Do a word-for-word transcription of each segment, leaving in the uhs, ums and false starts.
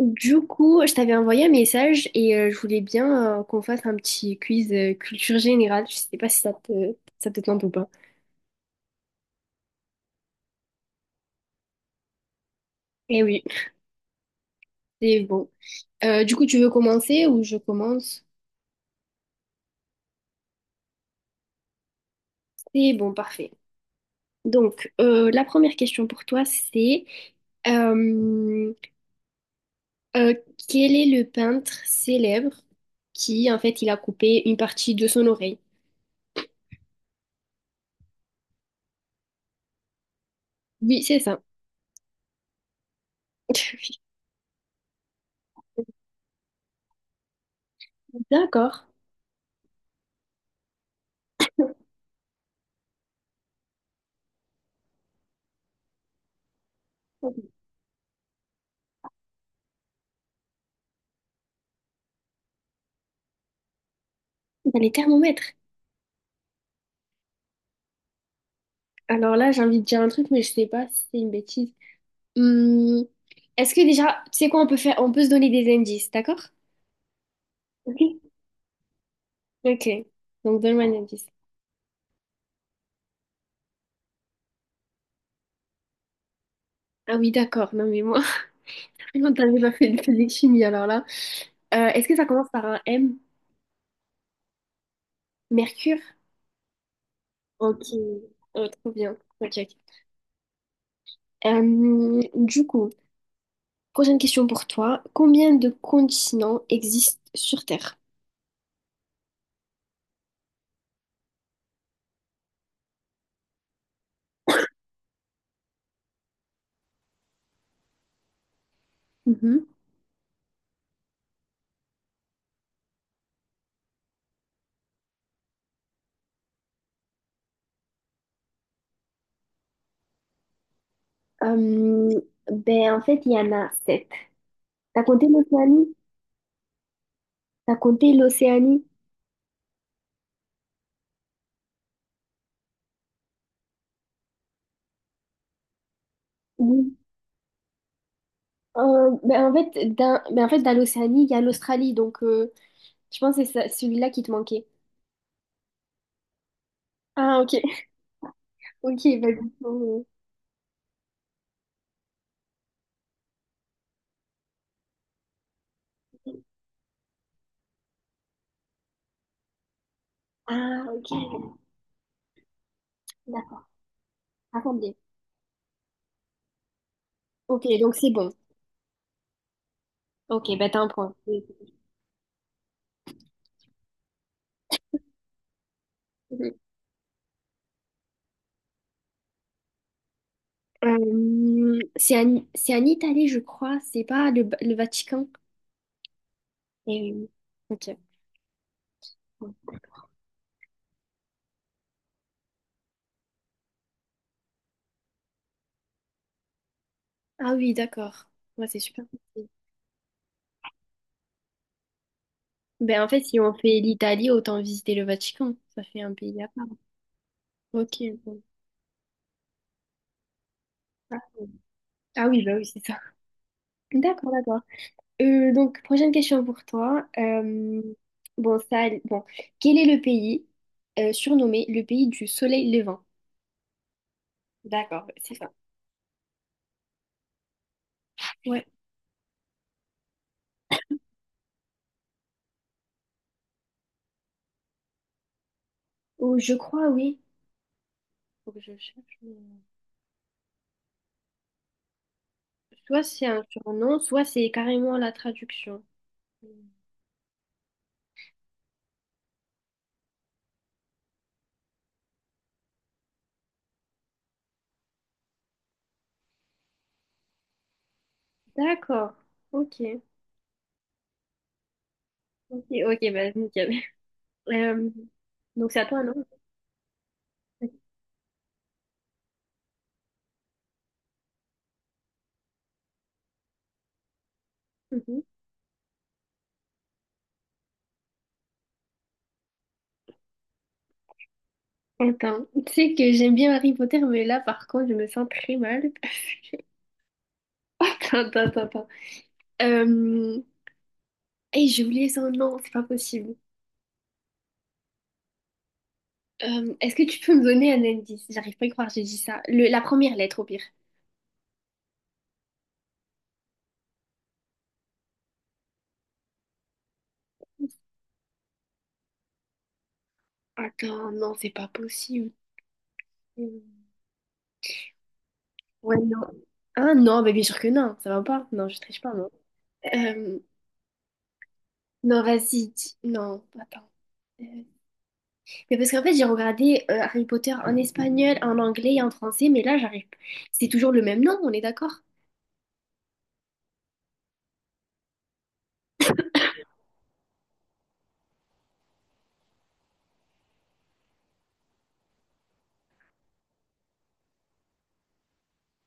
Du coup, je t'avais envoyé un message et euh, je voulais bien euh, qu'on fasse un petit quiz euh, culture générale. Je sais pas si ça te, ça te tente ou pas. Eh oui, c'est bon. Euh, du coup, tu veux commencer ou je commence? C'est bon, parfait. Donc, euh, la première question pour toi, c'est euh, euh, quel est le peintre célèbre qui, en fait, il a coupé une partie de son oreille? Oui, c'est ça. D'accord. Dans les thermomètres. Alors là, j'ai envie de dire un truc, mais je sais pas si c'est une bêtise. Hum, est-ce que déjà, tu sais quoi, on peut faire, on peut se donner des indices, d'accord? Ok. Ok. Donc donne-moi un indice. Ah oui, d'accord. Non mais moi, on t'avait pas fait de physique chimie alors là. Euh, est-ce que ça commence par un M? Mercure? Ok. Oh, trop bien. Ok, ok. Hum, du coup, prochaine question pour toi. Combien de continents existent sur Terre? Mhm. Hum, ben en fait, il y en a sept. T'as compté l'Océanie? Raconter l'Océanie. Oui. Euh, ben en fait, dans, ben en fait, dans l'Océanie, il y a l'Australie, donc euh, je pense que c'est ça- celui-là qui te manquait. Ah, ok. Ok, ben, du coup, euh, Ah, ok, d'accord, attendez. Ok, donc c'est bon. Ok, ben t'as un point. Oui. Mhm. Euh, c'est en, c'est en Italie, je crois, c'est pas le, le Vatican. Et, oui. Ok. Ah oui, d'accord. Ouais, c'est super compliqué. Ben en fait, si on fait l'Italie, autant visiter le Vatican. Ça fait un pays à part. Ok, bon. Ah oui, bah oui, c'est ça. D'accord, d'accord. Euh, donc, prochaine question pour toi. Euh, bon, ça, bon, quel est le pays euh, surnommé le pays du soleil levant? D'accord, c'est ça. Ouais. Oh, je crois, oui. Faut que je cherche. Soit c'est un surnom, soit c'est carrément la traduction. D'accord. Ok. Ok, ok, bah nickel. Euh, donc c'est à toi, non? Mhm. Attends, tu sais que j'aime bien Harry Potter, mais là par contre je me sens très mal. Attends, attends, attends. Euh... hey, j'ai oublié son nom, c'est pas possible. Euh, est-ce que tu peux me donner un indice? J'arrive pas à y croire, j'ai dit ça. Le- la première lettre, au pire. Attends, non, c'est pas possible. Ouais, non. Ah non, bah, bien sûr que non, ça va pas. Non, je triche pas, non. Euh, non, vas-y, dis- non, attends. Euh, Mais parce qu'en fait, j'ai regardé euh, Harry Potter en espagnol, en anglais et en français, mais là, j'arrive. C'est toujours le même nom, on est d'accord?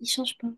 Il change pas.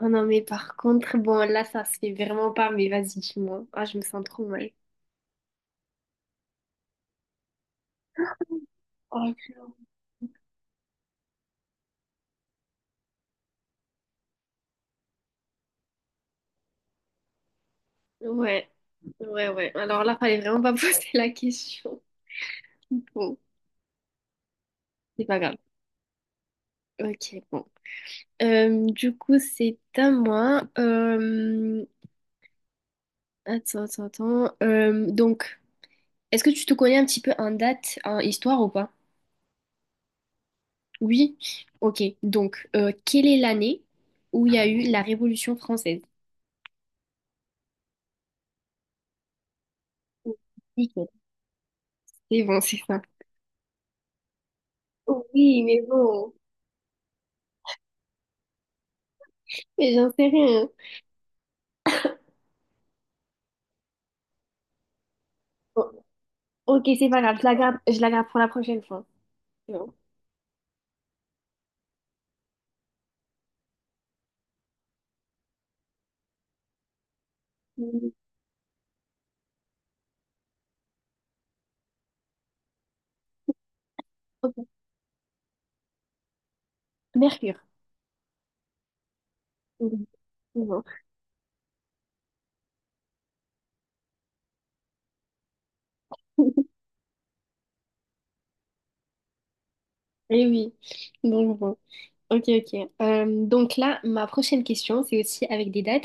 Oh non, mais par contre, bon, là, ça se fait vraiment pas, mais vas-y, dis-moi. Ah, je me sens trop mal. Oh, ouais, ouais, ouais. Alors là, fallait vraiment pas poser la question. Bon, c'est pas grave. Ok, bon. Euh, du coup, c'est à moi. Euh, Attends, attends, attends. Euh, donc, est-ce que tu te connais un petit peu en date, en histoire ou pas? Oui? Ok, donc, euh, quelle est l'année où il y a eu la Révolution française? Nickel. C'est bon, c'est ça. Oui, mais bon. Mais j'en sais rien. Bon, ok, c'est pas grave, je la garde, je la garde pour la prochaine fois. Bon. Mm, ok. Mercure. Mhm. Bon. Eh oui. Donc bon. Ok, ok. Euh, donc là, ma prochaine question, c'est aussi avec des dates.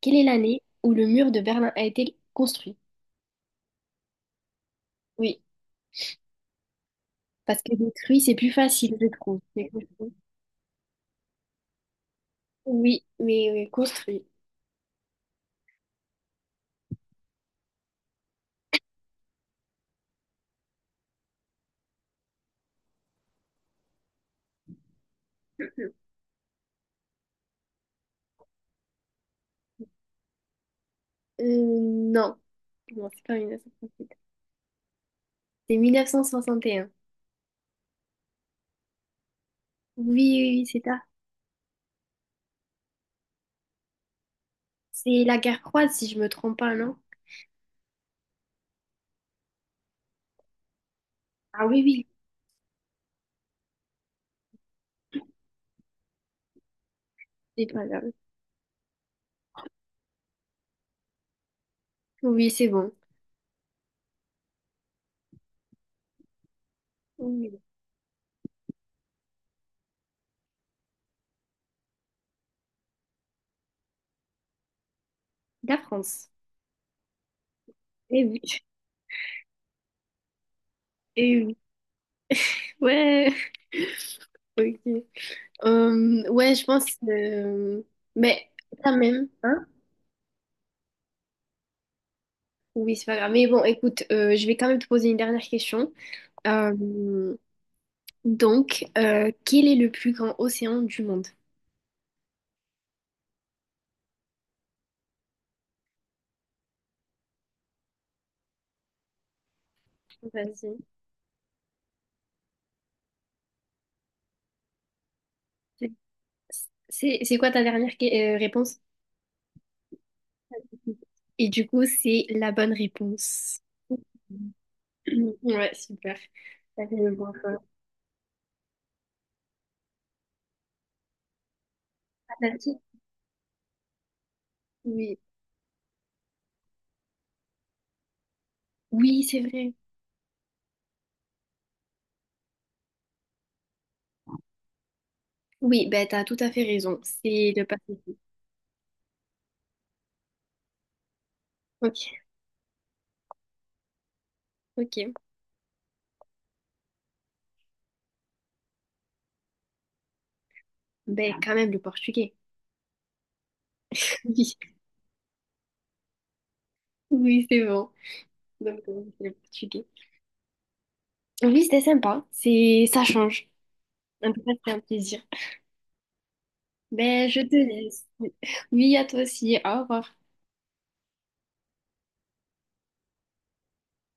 Quelle est l'année où le mur de Berlin a été construit? Oui, parce que détruit, c'est plus facile, je trouve. Mais construit- Oui, mais oui, construit. Euh, non, non, c'est pas mille neuf cent soixante-huit. C'est mille neuf cent soixante et un. Oui, oui, oui, c'est tard. C'est la guerre froide, si je me trompe pas, non? Ah oui, oui, c'est pas grave. Oui, c'est bon. Oui. La France. Eh oui, eh oui. Ouais, ok. Euh, ouais, je pense. Euh, mais quand même, hein? Oui, c'est pas grave. Mais bon, écoute, euh, je vais quand même te poser une dernière question. Euh, donc, euh, quel est le plus grand océan du monde? Vas-y. C'est c'est quoi ta dernière que- euh, réponse? Et du coup, c'est la bonne réponse. Ouais, super. Ça fait le bon choix. Atlantique. Oui, oui, c'est vrai. Oui, ben t'as tout à fait raison. C'est le Pacifique. Ok, ok. Ben quand même le portugais. Oui, oui, c'est bon. Donc euh, c'est le portugais. Oui, c'était sympa. C'est, ça change. En tout cas, c'était un plaisir. Ben je te laisse. Oui, à toi aussi. Au revoir.